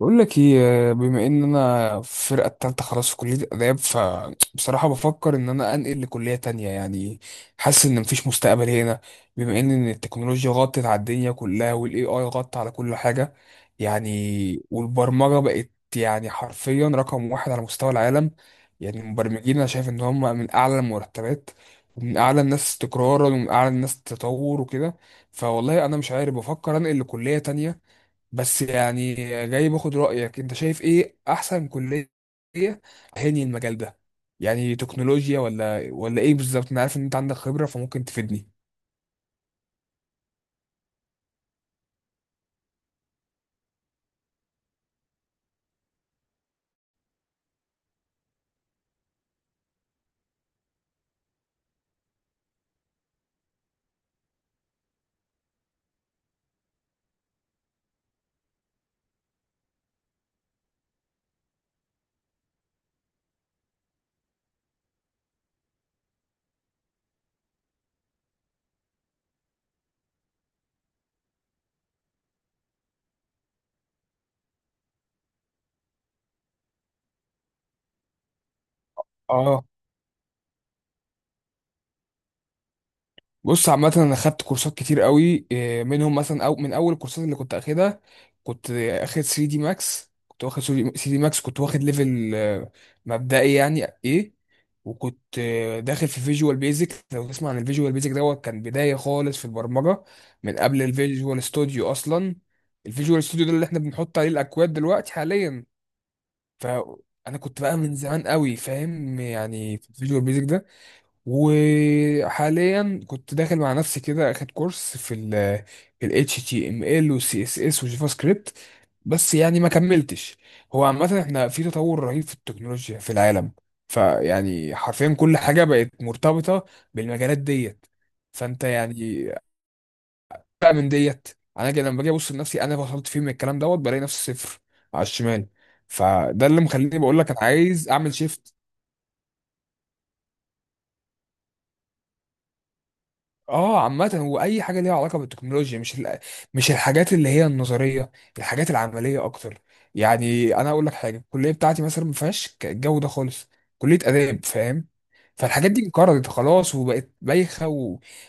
بقول لك ايه، بما ان انا في الفرقه التالتة خلاص في كليه اداب، فبصراحه بفكر ان انا انقل لكليه تانية يعني. حاسس ان مفيش مستقبل هنا، بما ان التكنولوجيا غطت على الدنيا كلها، والاي اي غطى على كل حاجه. يعني والبرمجه بقت يعني حرفيا رقم واحد على مستوى العالم. يعني المبرمجين انا شايف ان هم من اعلى المرتبات، ومن اعلى الناس استقرارا، ومن اعلى الناس تطور وكده. فوالله انا مش عارف، بفكر انقل لكليه تانية. بس يعني جاي باخد رأيك، انت شايف ايه احسن كلية هني المجال ده؟ يعني تكنولوجيا ولا ايه بالظبط؟ انا عارف ان انت عندك خبرة فممكن تفيدني. اه، بص عامة أنا خدت كورسات كتير قوي إيه، منهم مثلا أو من أول الكورسات اللي كنت أخدها. كنت واخد 3 دي ماكس، كنت واخد ليفل مبدئي يعني إيه. وكنت داخل في فيجوال بيزك. لو تسمع عن الفيجوال بيزك دوت، كان بداية خالص في البرمجة من قبل الفيجوال ستوديو أصلا. الفيجوال ستوديو ده اللي إحنا بنحط عليه الأكواد دلوقتي حاليا. فأنا كنت بقى من زمان قوي فاهم يعني في الفيجوال بيزك ده. وحاليا كنت داخل مع نفسي كده اخد كورس في ال HTML و CSS و جافا سكريبت، بس يعني ما كملتش. هو عامة احنا في تطور رهيب في التكنولوجيا في العالم. فيعني حرفيا كل حاجة بقت مرتبطة بالمجالات ديت. فانت يعني بقى من ديت، انا لما باجي ابص لنفسي انا وصلت فين من الكلام دوت، بلاقي نفسي صفر على الشمال. فده اللي مخليني بقول لك انا عايز اعمل شيفت. اه، عامة هو أي حاجة ليها علاقة بالتكنولوجيا، مش مش الحاجات اللي هي النظرية، الحاجات العملية أكتر. يعني أنا أقول لك حاجة، الكلية بتاعتي مثلا ما فيهاش الجو ده خالص. كلية آداب فاهم. فالحاجات دي انقرضت خلاص وبقت بايخة،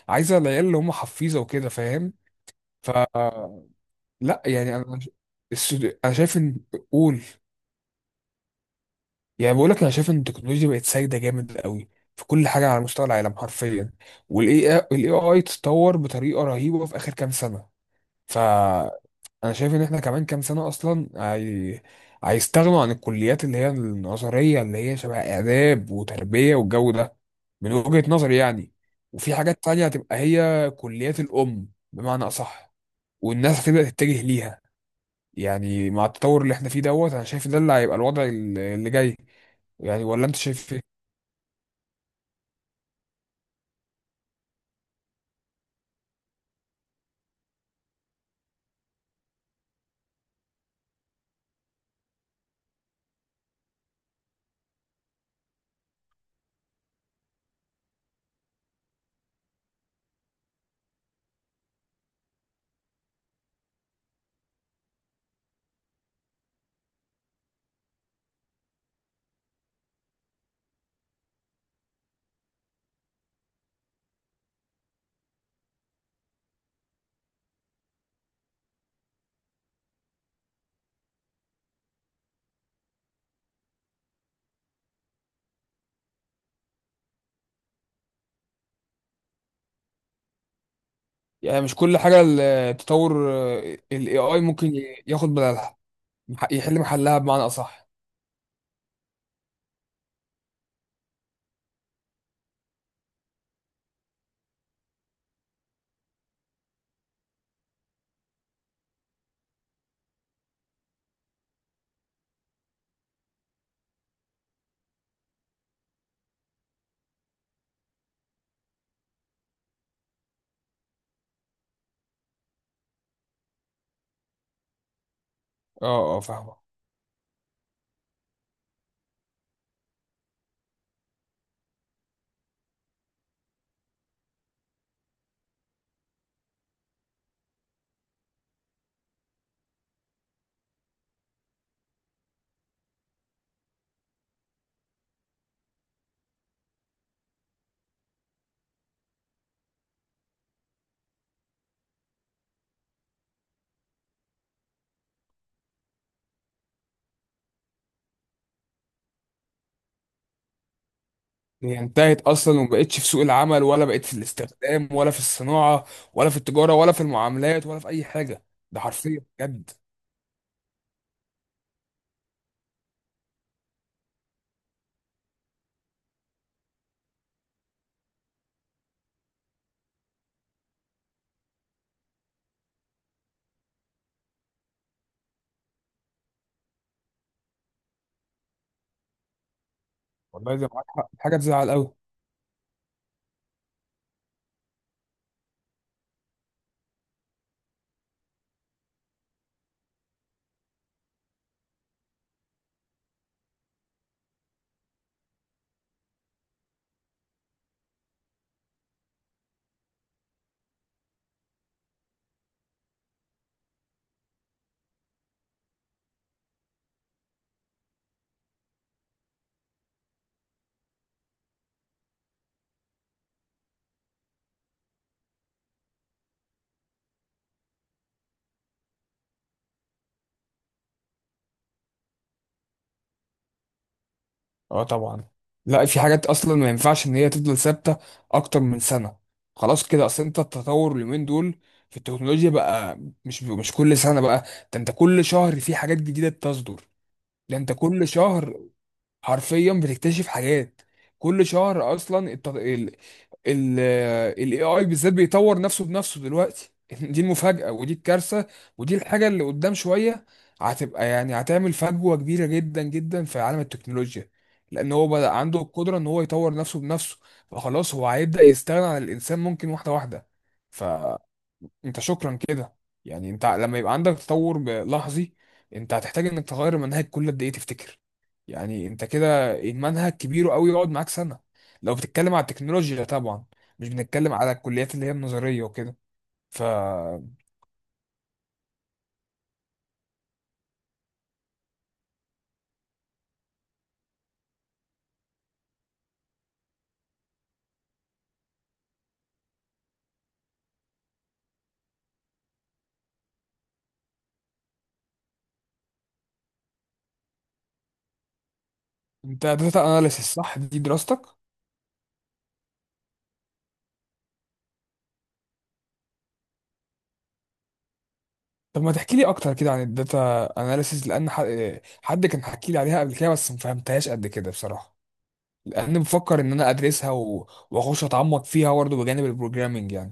وعايزة العيال اللي هم حفيظة وكده فاهم. ف لا يعني أنا أنا شايف إن، قول. يعني بقول لك أنا شايف إن التكنولوجيا بقت سايدة جامد قوي في كل حاجة على مستوى العالم حرفيا. والاي اي تطور بطريقه رهيبه في اخر كام سنه. فانا شايف ان احنا كمان كام سنه اصلا هيستغنوا عن الكليات اللي هي النظريه، اللي هي شبه اداب وتربيه والجو ده، من وجهه نظري يعني. وفي حاجات تانية هتبقى هي كليات الام بمعنى اصح، والناس هتبدا تتجه ليها. يعني مع التطور اللي احنا فيه دوت انا شايف ده اللي هيبقى الوضع اللي جاي، يعني ولا انت شايف ايه؟ يعني مش كل حاجه التطور، الاي اي ممكن ياخد بدلها، يحل محلها بمعنى اصح. اه، اه، فاهمك. هي انتهت اصلا وما بقتش في سوق العمل، ولا بقت في الاستخدام، ولا في الصناعه، ولا في التجاره، ولا في المعاملات، ولا في اي حاجه. ده حرفيا بجد. والله زي معاك حق، حاجه تزعل قوي. اه طبعا، لا في حاجات اصلا ما ينفعش ان هي تفضل ثابته اكتر من سنه. خلاص كده، اصل انت التطور اليومين دول في التكنولوجيا بقى مش كل سنه بقى. ده انت كل شهر في حاجات جديده بتصدر. ده انت كل شهر حرفيا بتكتشف حاجات. كل شهر اصلا الت... ال ال الاي اي بالذات بيطور نفسه بنفسه دلوقتي دي المفاجأة ودي الكارثة. ودي الحاجة اللي قدام شوية هتبقى، يعني هتعمل فجوة كبيرة جدا جدا في عالم التكنولوجيا. لان هو بدأ عنده القدرة ان هو يطور نفسه بنفسه. فخلاص هو هيبدأ يستغنى عن الانسان ممكن، واحدة واحدة. انت شكرا كده، يعني انت لما يبقى عندك تطور لحظي، انت هتحتاج انك تغير المنهج كل قد ايه تفتكر؟ يعني انت كده المنهج كبير قوي يقعد معاك سنة، لو بتتكلم على التكنولوجيا طبعا. مش بنتكلم على الكليات اللي هي النظرية وكده. فانت داتا اناليسيس صح دي دراستك؟ طب ما تحكي لي اكتر كده عن الداتا اناليسيس، لان حد كان حكي لي عليها قبل كده، بس ما فهمتهاش قد كده بصراحة. لان بفكر ان انا ادرسها واخش اتعمق فيها برضه بجانب البروجرامينج يعني.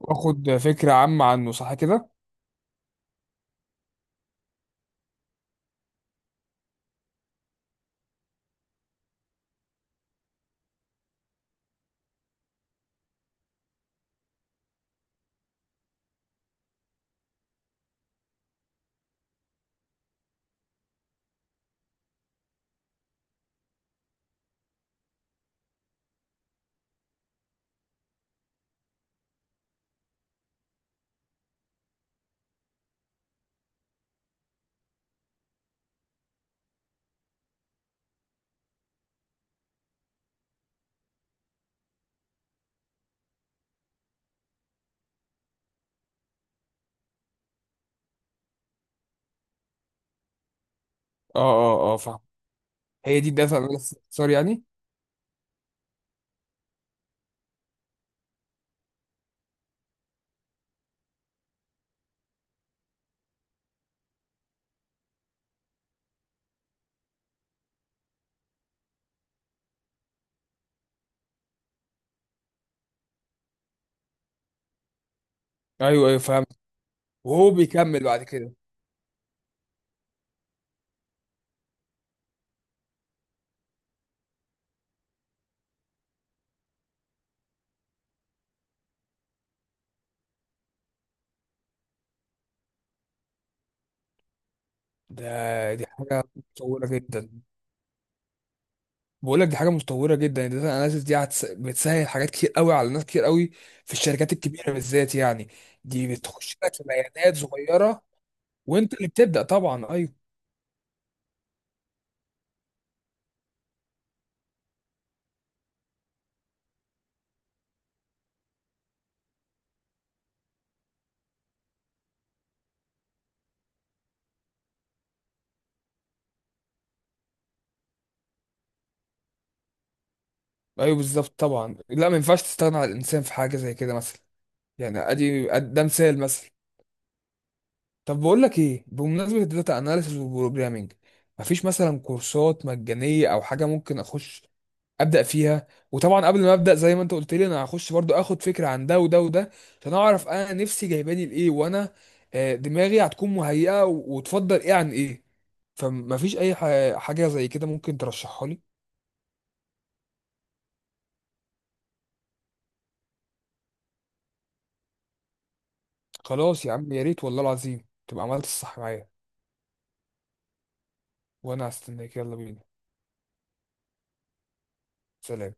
واخد فكرة عامة عنه صح كده؟ اه، اه، اه، فاهم. هي دي الدافع من الاختصار يعني؟ ايوه، ايوه، فاهم. وهو بيكمل بعد كده. دي حاجة متطورة جدا. بقول لك دي حاجة متطورة جدا، الداتا اناليسيس دي بتسهل حاجات كتير قوي على ناس كتير قوي في الشركات الكبيرة بالذات يعني. دي بتخش لك في بيانات صغيرة، وانت اللي بتبدأ طبعا. ايوه، ايوه بالظبط طبعا، لا ما ينفعش تستغنى عن الانسان في حاجة زي كده مثلا. يعني ادي ده مثال مثلا. طب بقول لك ايه، بمناسبه الداتا اناليسيس والبروجرامينج، مفيش مثلا كورسات مجانيه او حاجه ممكن اخش ابدا فيها؟ وطبعا قبل ما ابدا، زي ما انت قلت لي، انا هخش برضو اخد فكره عن ده وده وده، عشان اعرف انا نفسي جايباني لايه. وانا دماغي هتكون مهيئه وتفضل ايه عن ايه. فمفيش اي حاجه زي كده ممكن ترشحها لي؟ خلاص يا عم، يا ريت والله العظيم تبقى عملت الصح معايا. وانا هستناك. يلا بينا، سلام.